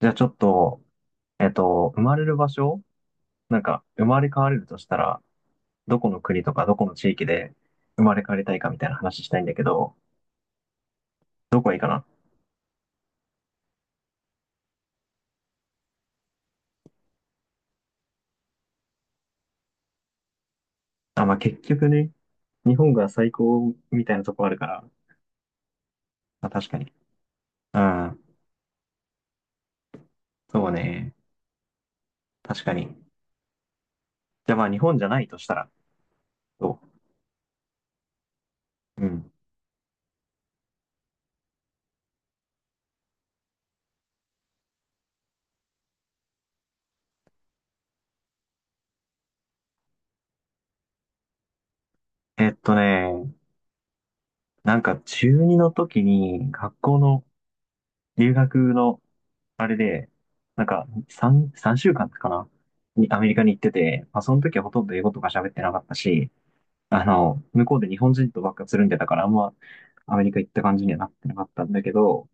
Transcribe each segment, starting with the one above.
じゃあちょっと、生まれる場所なんか、生まれ変われるとしたら、どこの国とかどこの地域で生まれ変わりたいかみたいな話したいんだけど、どこがいいかな？あ、まあ、結局ね、日本が最高みたいなとこあるから、まあ、確かに。うん、そうね。確かに。じゃあまあ、日本じゃないとしたら、どううん。えっとね、なんか中二の時に学校の留学のあれで、なんか、3、三週間かんかなにアメリカに行ってて、まあ、その時はほとんど英語とか喋ってなかったし、向こうで日本人とばっかつるんでたから、あんまアメリカ行った感じにはなってなかったんだけど、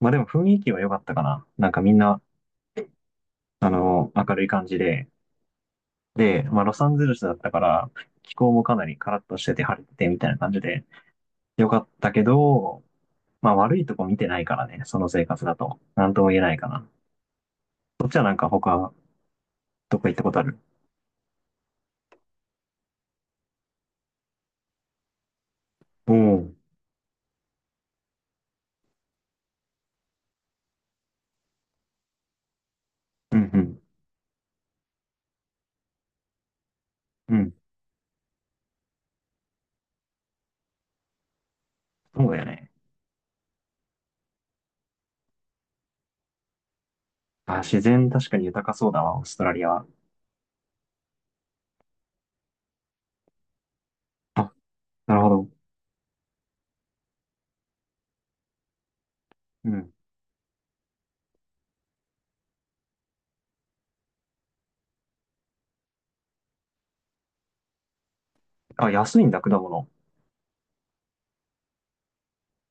まあでも雰囲気は良かったかな。なんかみんな、明るい感じで、で、まあロサンゼルスだったから、気候もかなりカラッとしてて晴れててみたいな感じで、良かったけど、まあ悪いとこ見てないからね、その生活だと。なんとも言えないかな。なんか他、どっか行ったことある？おお。うんうん。うん。そうだよね。あ、自然確かに豊かそうだわ、オーストラリアは。あ、なるほど。うん。あ、安いんだ、果物。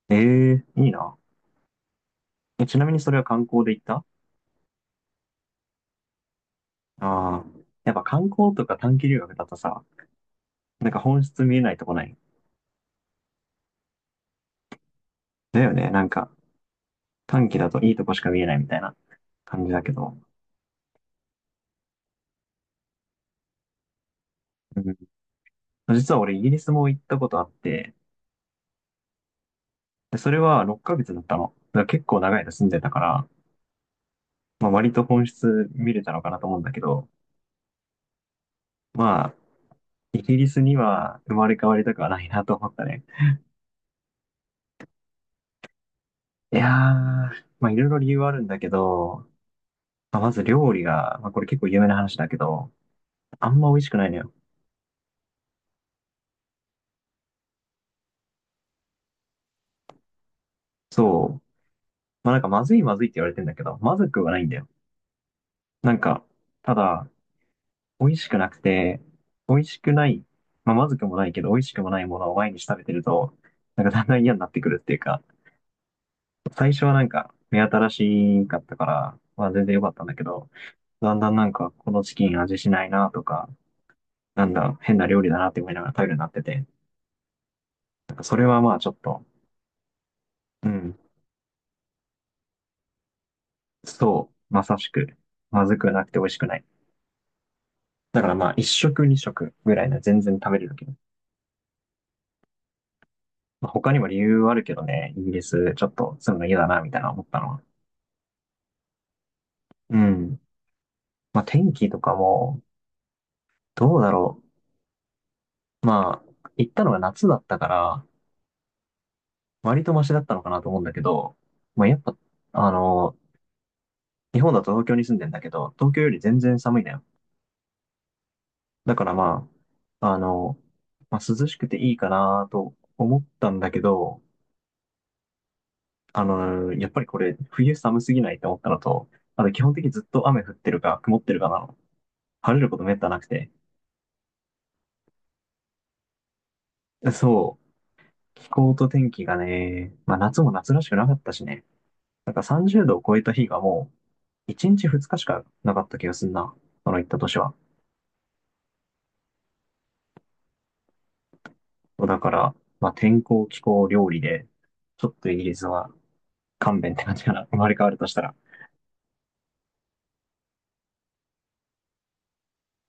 ええ、いいな。ちなみにそれは観光で行った？ああー。やっぱ観光とか短期留学だとさ、なんか本質見えないとこない？だよね。なんか短期だといいとこしか見えないみたいな感じだけど。うん。実は俺イギリスも行ったことあって、で、それは6ヶ月だったの。だから結構長い間住んでたから、まあ割と本質見れたのかなと思うんだけど、まあ、イギリスには生まれ変わりたくはないなと思ったね。いやー、まあいろいろ理由はあるんだけど、まあ、まず料理が、まあこれ結構有名な話だけど、あんま美味しくないのよ。そう。まあなんかまずいまずいって言われてんだけど、まずくはないんだよ。なんか、ただ、美味しくなくて、美味しくない、まあまずくもないけど、美味しくもないものを毎日食べてると、なんかだんだん嫌になってくるっていうか、最初はなんか目新しかったから、まあ全然良かったんだけど、だんだんなんかこのチキン味しないなとか、なんだ、変な料理だなって思いながら食べるようになってて、なんかそれはまあちょっと、うん、そう、まさしく、まずくなくて美味しくない。だからまあ一食二食ぐらいなら全然食べれるけど、まあ、他にも理由はあるけどね、イギリスちょっと住むの嫌だなみたいな思ったのは。うん。まあ天気とかも、どうだろう。まあ、行ったのが夏だったから、割とマシだったのかなと思うんだけど、まあやっぱ、あの、日本だと東京に住んでんだけど、東京より全然寒いね。だからまあ、まあ、涼しくていいかなと思ったんだけど、やっぱりこれ冬寒すぎないと思ったのと、あと基本的にずっと雨降ってるか曇ってるかなの。晴れることめったなくて。そう、気候と天気がね、まあ夏も夏らしくなかったしね。なんか30度を超えた日がもう1日2日しかなかった気がすんな。その行った年は。だから、まあ天候、気候、料理で、ちょっとイギリスは勘弁って感じかな。生まれ変わるとしたら。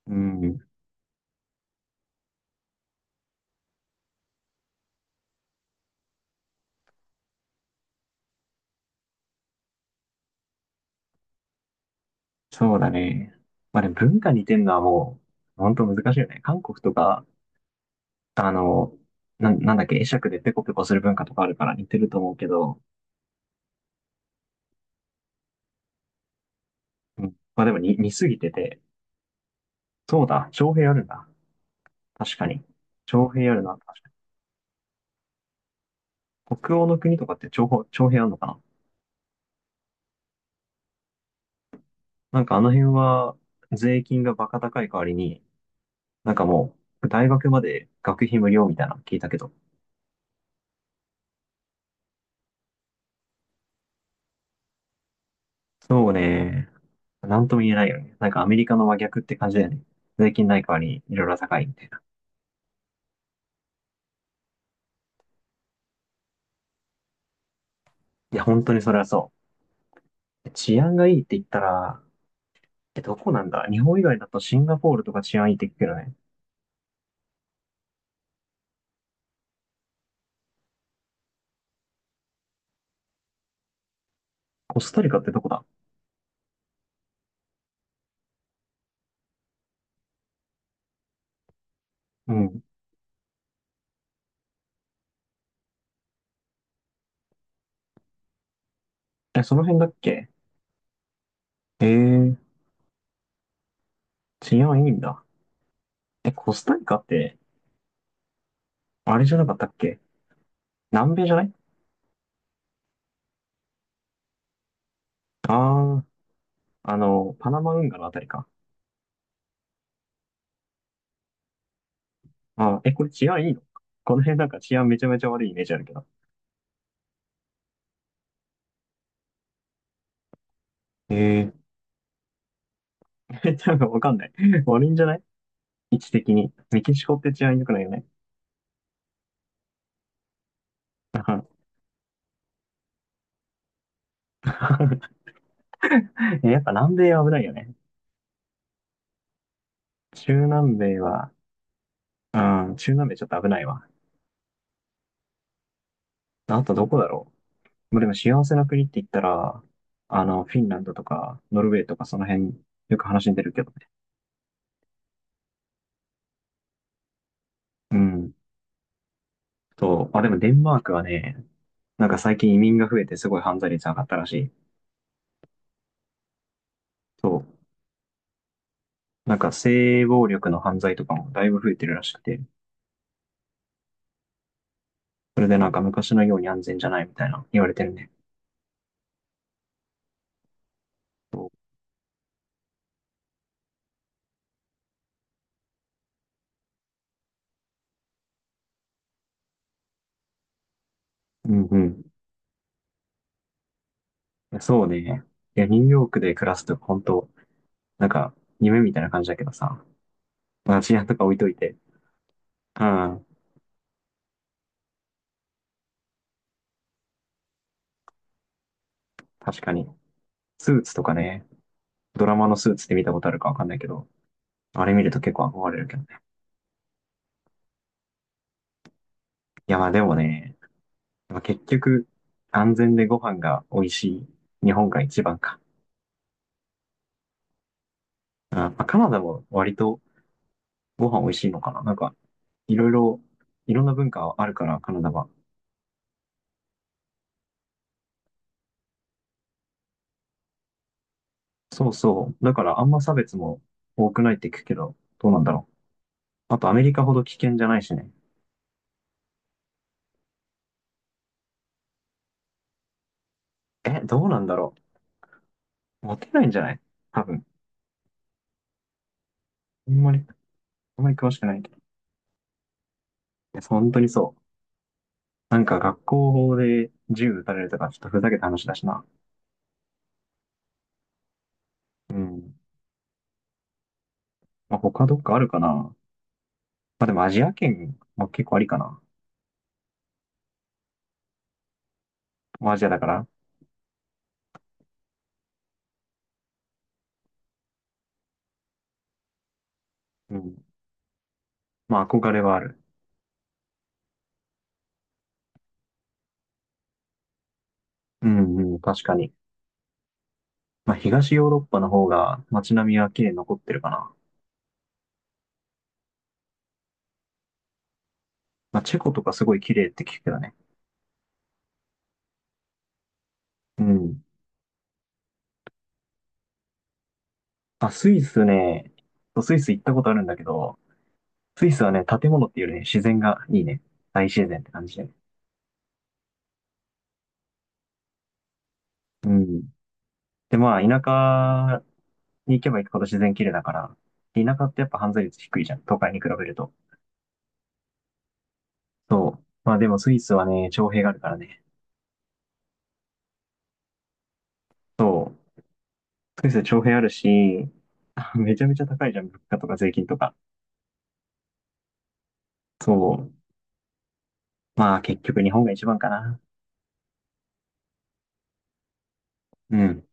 うん。そうだね。まあでも文化似てんのはもう、本当難しいよね。韓国とか、あの、なんだっけ、会釈でペコペコする文化とかあるから似てると思うけど、うん、まあでもに似すぎてて、そうだ、徴兵あるんだ。確かに。徴兵あるな、確かに。北欧の国とかって徴兵あるのかな？なんかあの辺は、税金がバカ高い代わりに、なんかもう、大学まで学費無料みたいなの聞いたけど、そうね。なんとも言えないよね。なんかアメリカの真逆って感じだよね。税金ない代わりにいろいろ高いみたいな。いや、本当にそれはそう。治安がいいって言ったら、え、どこなんだ？日本以外だとシンガポールとか治安いいって聞くけどね。コスタリカってどこだ？うん。え、その辺だっけ？えー、治安いいんだ。え、コスタリカって、あれじゃなかったっけ？南米じゃない？ああー、パナマ運河のあたりか。あー、え、これ治安いいの？この辺なんか治安めちゃめちゃ悪いイメージあるけど。ええ、多分わかんない。悪いんじゃない？位置的に。メキシコって治安良くないよね。うん。 やっぱ南米は危ないよね。中南米は、うん、中南米ちょっと危ないわ。あとどこだろう。まあでも幸せな国って言ったら、フィンランドとか、ノルウェーとかその辺、よく話に出るけどね。うん。そう。あ、でもデンマークはね、なんか最近移民が増えてすごい犯罪率上がったらしい。そう。なんか性暴力の犯罪とかもだいぶ増えてるらしくて、それでなんか昔のように安全じゃないみたいな言われてるね。うんうん。いや、そうね。いや、ニューヨークで暮らすと本当、なんか、夢みたいな感じだけどさ。まあ、治安とか置いといて。うん。確かに。スーツとかね、ドラマのスーツって見たことあるかわかんないけど、あれ見ると結構憧れるけどね。いや、まあでもね、まあ、結局、安全でご飯が美味しい日本が一番か。うん。まあ、カナダも割とご飯美味しいのかな。なんか、いろいろ、いろんな文化あるから、カナダは。そうそう。だからあんま差別も多くないって聞くけど、どうなんだろう。あとアメリカほど危険じゃないしね。え、どうなんだろう。モテないんじゃない？多分。あんまり、あんまり詳しくないけど。いや、本当にそう。なんか学校法で銃撃たれるとか、ちょっとふざけた話だしな。うん。まあ、他どっかあるかな。まあ、でもアジア圏も結構ありかな。まあアジアだから。うん。まあ、憧れはある。うんうん、確かに。まあ、東ヨーロッパの方が街並みは綺麗に残ってるかな。まあ、チェコとかすごい綺麗って聞くけどね。うん。あ、スイスね、スイス行ったことあるんだけど、スイスはね、建物っていうよりね、自然がいいね。大自然って感じで。うん。で、まあ、田舎に行けば行くほど自然綺麗だから、田舎ってやっぱ犯罪率低いじゃん。都会に比べると。そう。まあでもスイスはね、徴兵があるからね。そう。スイスは徴兵あるし、めちゃめちゃ高いじゃん。物価とか税金とか。そう。まあ結局日本が一番かな。うん。